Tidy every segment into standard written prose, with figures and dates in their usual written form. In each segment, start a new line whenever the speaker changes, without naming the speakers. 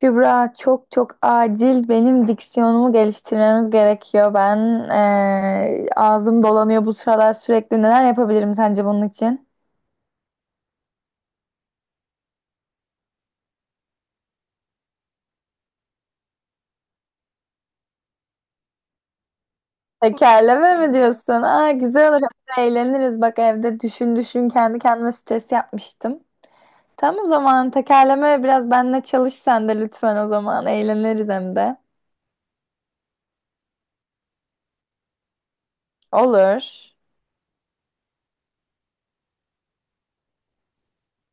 Kübra çok çok acil benim diksiyonumu geliştirmemiz gerekiyor. Ben ağzım dolanıyor bu sıralar sürekli. Neler yapabilirim sence bunun için? Tekerleme mi diyorsun? Aa, güzel olur. Hem de eğleniriz. Bak evde düşün düşün kendi kendime stres yapmıştım. Tamam, o zaman tekerleme biraz benimle çalış sen de lütfen o zaman. Eğleniriz hem de. Olur.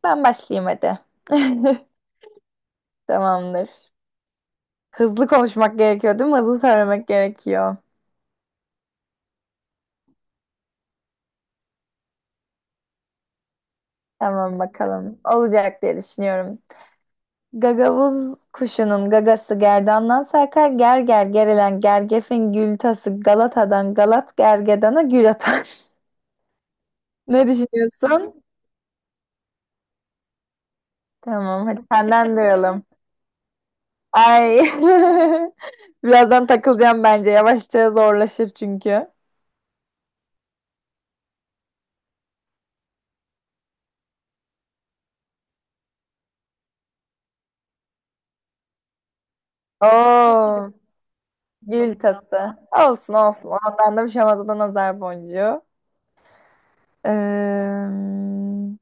Ben başlayayım hadi. Tamamdır. Hızlı konuşmak gerekiyor değil mi? Hızlı söylemek gerekiyor. Tamam bakalım. Olacak diye düşünüyorum. Gagavuz kuşunun gagası gerdandan sarkar. Ger ger gerilen gergefin gül tası Galata'dan Galat gergedana gül atar. Ne düşünüyorsun? Tamam, hadi senden duyalım. Ay. Birazdan takılacağım bence. Yavaşça zorlaşır çünkü. Oo, gül tası. Olsun olsun. Ondan da bir şey olmaz. O da nazar boncuğu. Eee,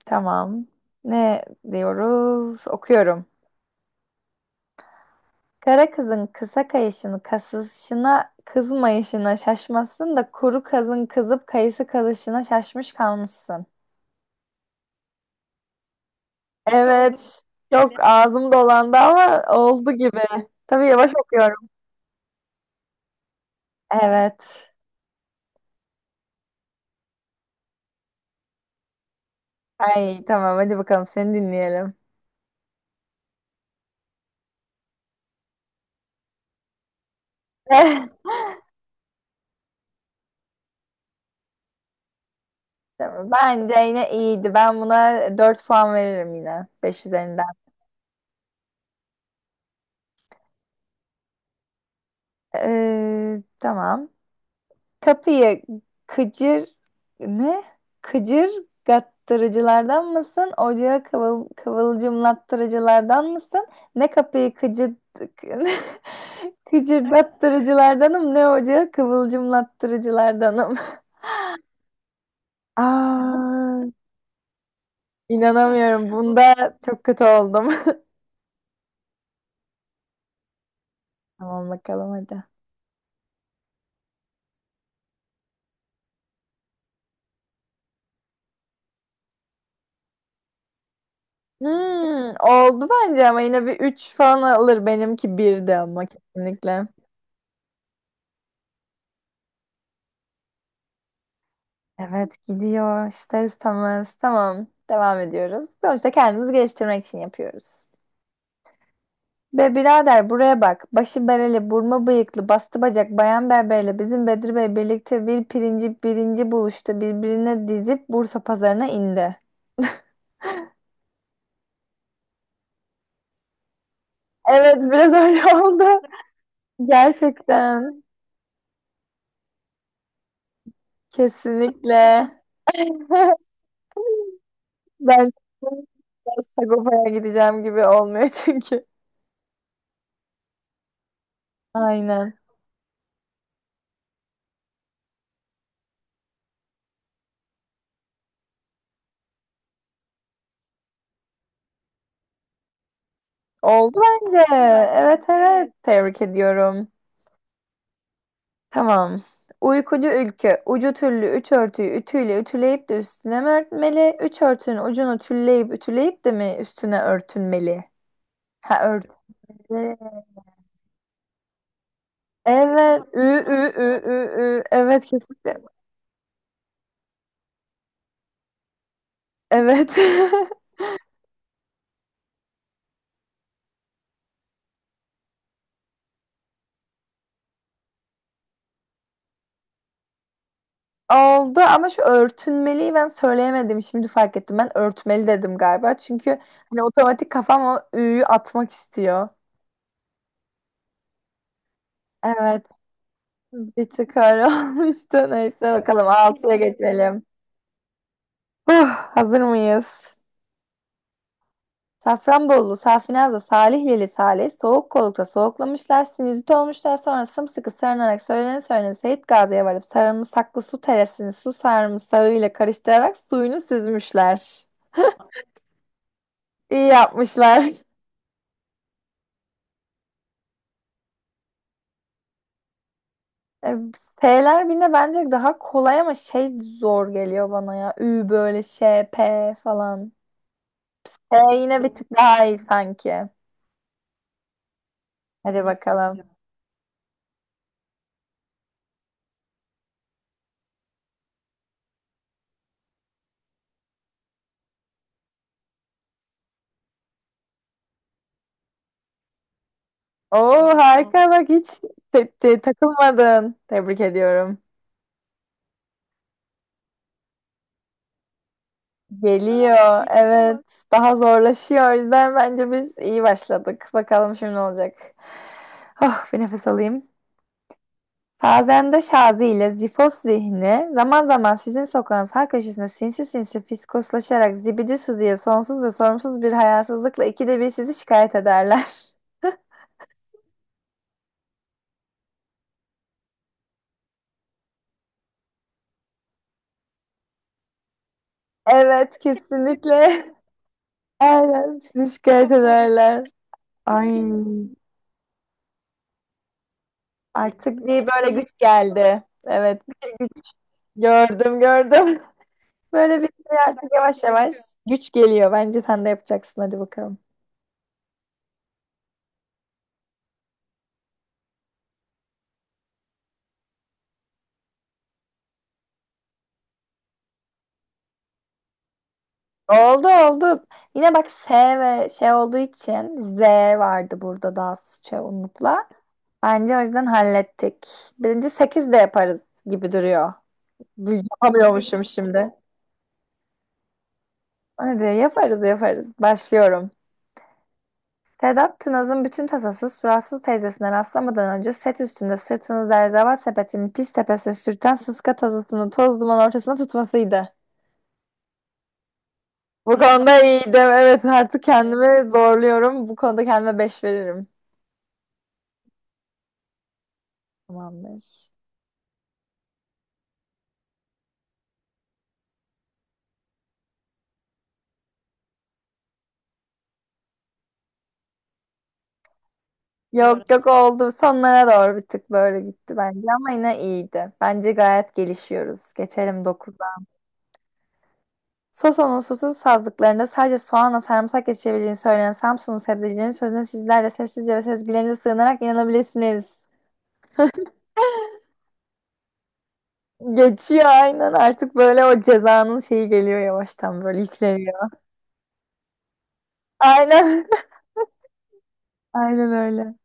tamam. Ne diyoruz? Okuyorum. Kara kızın kısa kayışını kasışına kızmayışına şaşmasın da kuru kazın kızıp kayısı kazışına şaşmış kalmışsın. Evet, çok ağzım dolandı ama oldu gibi. Tabii yavaş okuyorum. Evet. Ay tamam, hadi bakalım seni dinleyelim. Tamam, bence yine iyiydi. Ben buna 4 puan veririm yine, 5 üzerinden. Tamam. Kapıyı kıcır ne? Kıcır gattırıcılardan mısın? Ocağı kıvılcımlattırıcılardan mısın? Ne kapıyı kıcır kıcırdattırıcılardanım ne ocağı kıvılcımlattırıcılardanım. Aa, inanamıyorum. Bunda çok kötü oldum. Tamam bakalım hadi. Hmm, oldu bence ama yine bir 3 falan alır. Benimki 1'di ama kesinlikle. Evet gidiyor ister istemez. Tamam, devam ediyoruz. Sonuçta kendimizi geliştirmek için yapıyoruz. Be birader buraya bak. Başı bereli, burma bıyıklı, bastı bacak, bayan berberle bizim Bedri Bey birlikte bir pirinci birinci buluştu. Birbirine dizip Bursa pazarına indi. Evet, biraz öyle oldu. Gerçekten. Kesinlikle. Ben biraz Sagopa'ya gideceğim gibi olmuyor çünkü. Aynen. Oldu bence. Evet evet. Tebrik ediyorum. Tamam. Uykucu ülke ucu tüllü üç örtüyü ütüyle ütüleyip de üstüne mi örtmeli? Üç örtünün ucunu tülleyip ütüleyip de mi üstüne örtünmeli? Ha örtmeli. Evet. Ü, ü, ü, ü, ü. Evet kesinlikle. Evet. Oldu ama şu örtünmeliyi ben söyleyemedim. Şimdi fark ettim. Ben örtmeli dedim galiba. Çünkü hani otomatik kafam o ü'yü atmak istiyor. Evet. Bir tık öyle olmuştu. Neyse bakalım altıya geçelim. Huh, hazır mıyız? Safranbolulu, Safinaz'da, Salihlili, Salih, soğuk kolukta soğuklamışlar, sinüzit olmuşlar, sonra sımsıkı sarınarak söylene söylene Seyit Gazi'ye varıp sarımsaklı su teresini su sarımsağıyla karıştırarak suyunu süzmüşler. İyi yapmışlar. E, P'ler birine bence daha kolay ama şey zor geliyor bana ya. Ü böyle şey, P falan. P yine bir tık daha iyi sanki. Hadi bakalım. Oo harika bak hiç takılmadın. Tebrik ediyorum. Geliyor. Evet. Daha zorlaşıyor. O yüzden bence biz iyi başladık. Bakalım şimdi ne olacak. Oh, bir nefes alayım. Fazende Şazi ile Zifos zihni zaman zaman sizin sokağın sağ köşesinde sinsi sinsi fiskoslaşarak zibidi Suzi'ye sonsuz ve sorumsuz bir hayasızlıkla ikide bir sizi şikayet ederler. Evet kesinlikle. Aynen sizi şikayet ederler. Artık bir böyle güç geldi. Evet, bir güç gördüm, gördüm. Böyle bir şey artık yavaş yavaş güç geliyor. Bence sen de yapacaksın. Hadi bakalım. Oldu oldu. Yine bak S ve şey olduğu için Z vardı burada daha şey unutla. Bence o yüzden hallettik. Birinci 8 de yaparız gibi duruyor. Yapamıyormuşum şimdi. Hadi yaparız yaparız. Başlıyorum. Sedat Tınaz'ın bütün tasası suratsız teyzesine rastlamadan önce set üstünde sırtını zerzeval sepetinin pis tepesine sürten sıska tazısını toz duman ortasına tutmasıydı. Bu konuda iyiydim. Evet artık kendimi zorluyorum. Bu konuda kendime 5 veririm. Tamamdır. Doğru. Yok yok oldu. Sonlara doğru bir tık böyle gitti bence ama yine iyiydi. Bence gayet gelişiyoruz. Geçelim dokuz. Soson'un susuz sazlıklarında sadece soğanla sarımsak yetişebileceğini söyleyen Samsun'un sebzecinin sözüne sizler de sessizce ve sezgilerinize sığınarak inanabilirsiniz. Geçiyor aynen, artık böyle o cezanın şeyi geliyor yavaştan böyle yükleniyor. Aynen. Aynen öyle.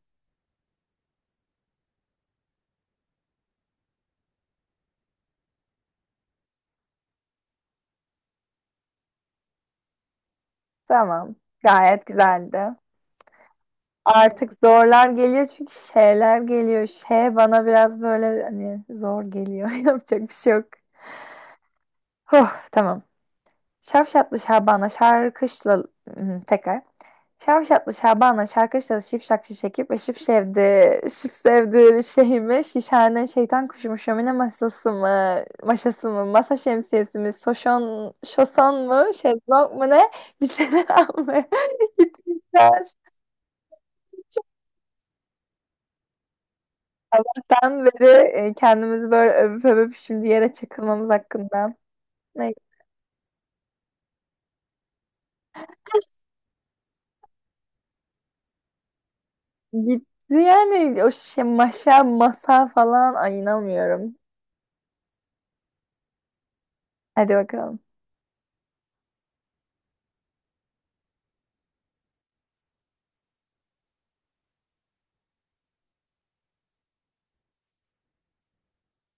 Tamam. Gayet güzeldi. Artık zorlar geliyor çünkü şeyler geliyor. Şey bana biraz böyle hani zor geliyor. Yapacak bir şey yok. Huh, tamam. Şavşatlı Şaban'a şarkışla... Hı, tekrar. Şavşatlı Şaban'la şarkı çalış şipşak şişekip ve şıp şevdi, şıp sevdi şeyimi, şişhane şeytan kuşumu, şömine masası mı, maşası mı, masa şemsiyesi mi, soşon, şoson mu, şezlong mu ne, bir şeyler almaya gitmişler. Ben beri kendimizi böyle övüp övüp şimdi yere çakılmamız hakkında. Ne, gitti yani o şey maşa, masa falan, ay inanmıyorum. Hadi bakalım.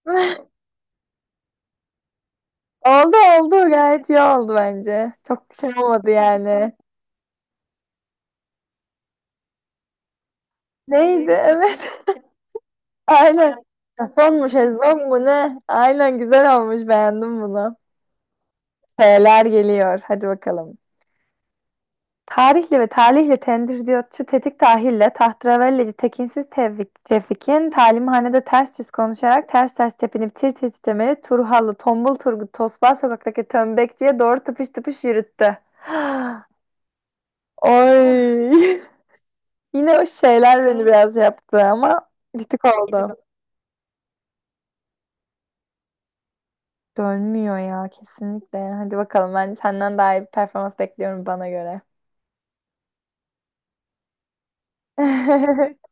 Oldu oldu, gayet iyi oldu bence. Çok şey olmadı yani. Neydi? Evet. Aynen. Şazlong mu şezlong mu ne? Aynen güzel olmuş, beğendim bunu. Şeyler geliyor, hadi bakalım. Tarihli ve talihle tendir diyor. Tetik tahille tahtravelleci tekinsiz Tevfik, Tevfikin talimhanede ters yüz konuşarak ters ters tepinip tir tir titremeli Turhallı tombul Turgut Tosbağ sokaktaki tömbekçiye doğru tıpış tıpış yürüttü. Oy. Yine o şeyler beni biraz yaptı ama bir tık oldu. Dönmüyor ya kesinlikle. Hadi bakalım, ben senden daha iyi bir performans bekliyorum bana göre.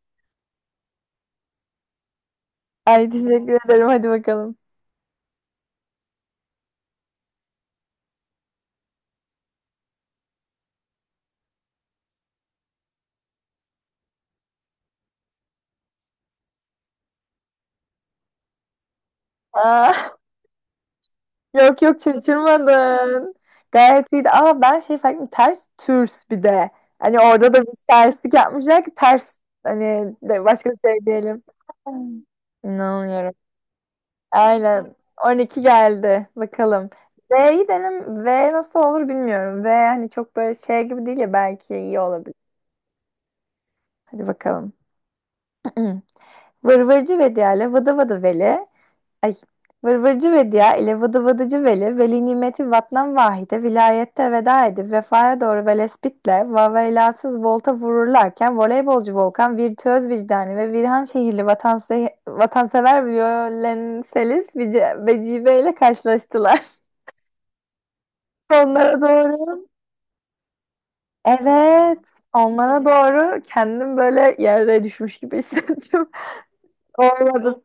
Ay teşekkür ederim, hadi bakalım. Aa, yok yok şaşırmadın. Gayet iyiydi. Aa ben şey fark ettim. Ters türs bir de. Hani orada da bir terslik yapmışlar ki ters hani de başka bir şey diyelim. İnanamıyorum. Aynen. 12 geldi. Bakalım. V'yi denem. V nasıl olur bilmiyorum. V hani çok böyle şey gibi değil ya, belki iyi olabilir. Hadi bakalım. Vırvırcı Vedia ile Vıdı Vıdı Veli. Ay. Vırvırcı Vedia ile Vıdı Vıdıcı Veli. Veli nimeti vatnan vahide. Vilayette veda edip vefaya doğru velespitle vaveylasız volta vururlarken voleybolcu Volkan virtüöz vicdani ve Virhan şehirli vatansever Violenselis Vecibe ile karşılaştılar. Onlara doğru. Evet. Onlara doğru kendim böyle yere düşmüş gibi hissettim. Olmadı.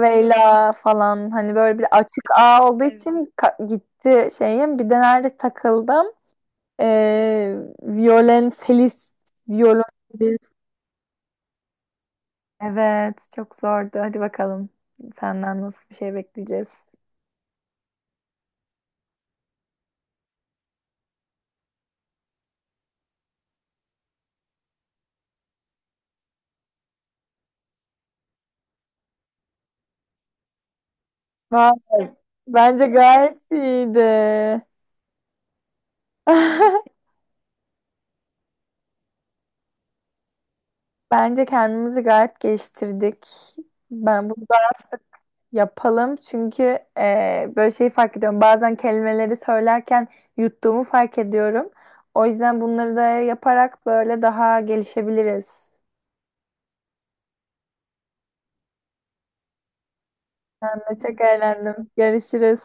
Veyla falan hani böyle bir açık ağ olduğu için gitti şeyim. Bir de nerede takıldım? Ee, Violonselist. Violonselist. Evet. Çok zordu. Hadi bakalım. Senden nasıl bir şey bekleyeceğiz? Vay, bence gayet iyiydi. Bence kendimizi gayet geliştirdik. Ben bu yapalım çünkü böyle şeyi fark ediyorum. Bazen kelimeleri söylerken yuttuğumu fark ediyorum. O yüzden bunları da yaparak böyle daha gelişebiliriz. Ben de çok eğlendim. Görüşürüz.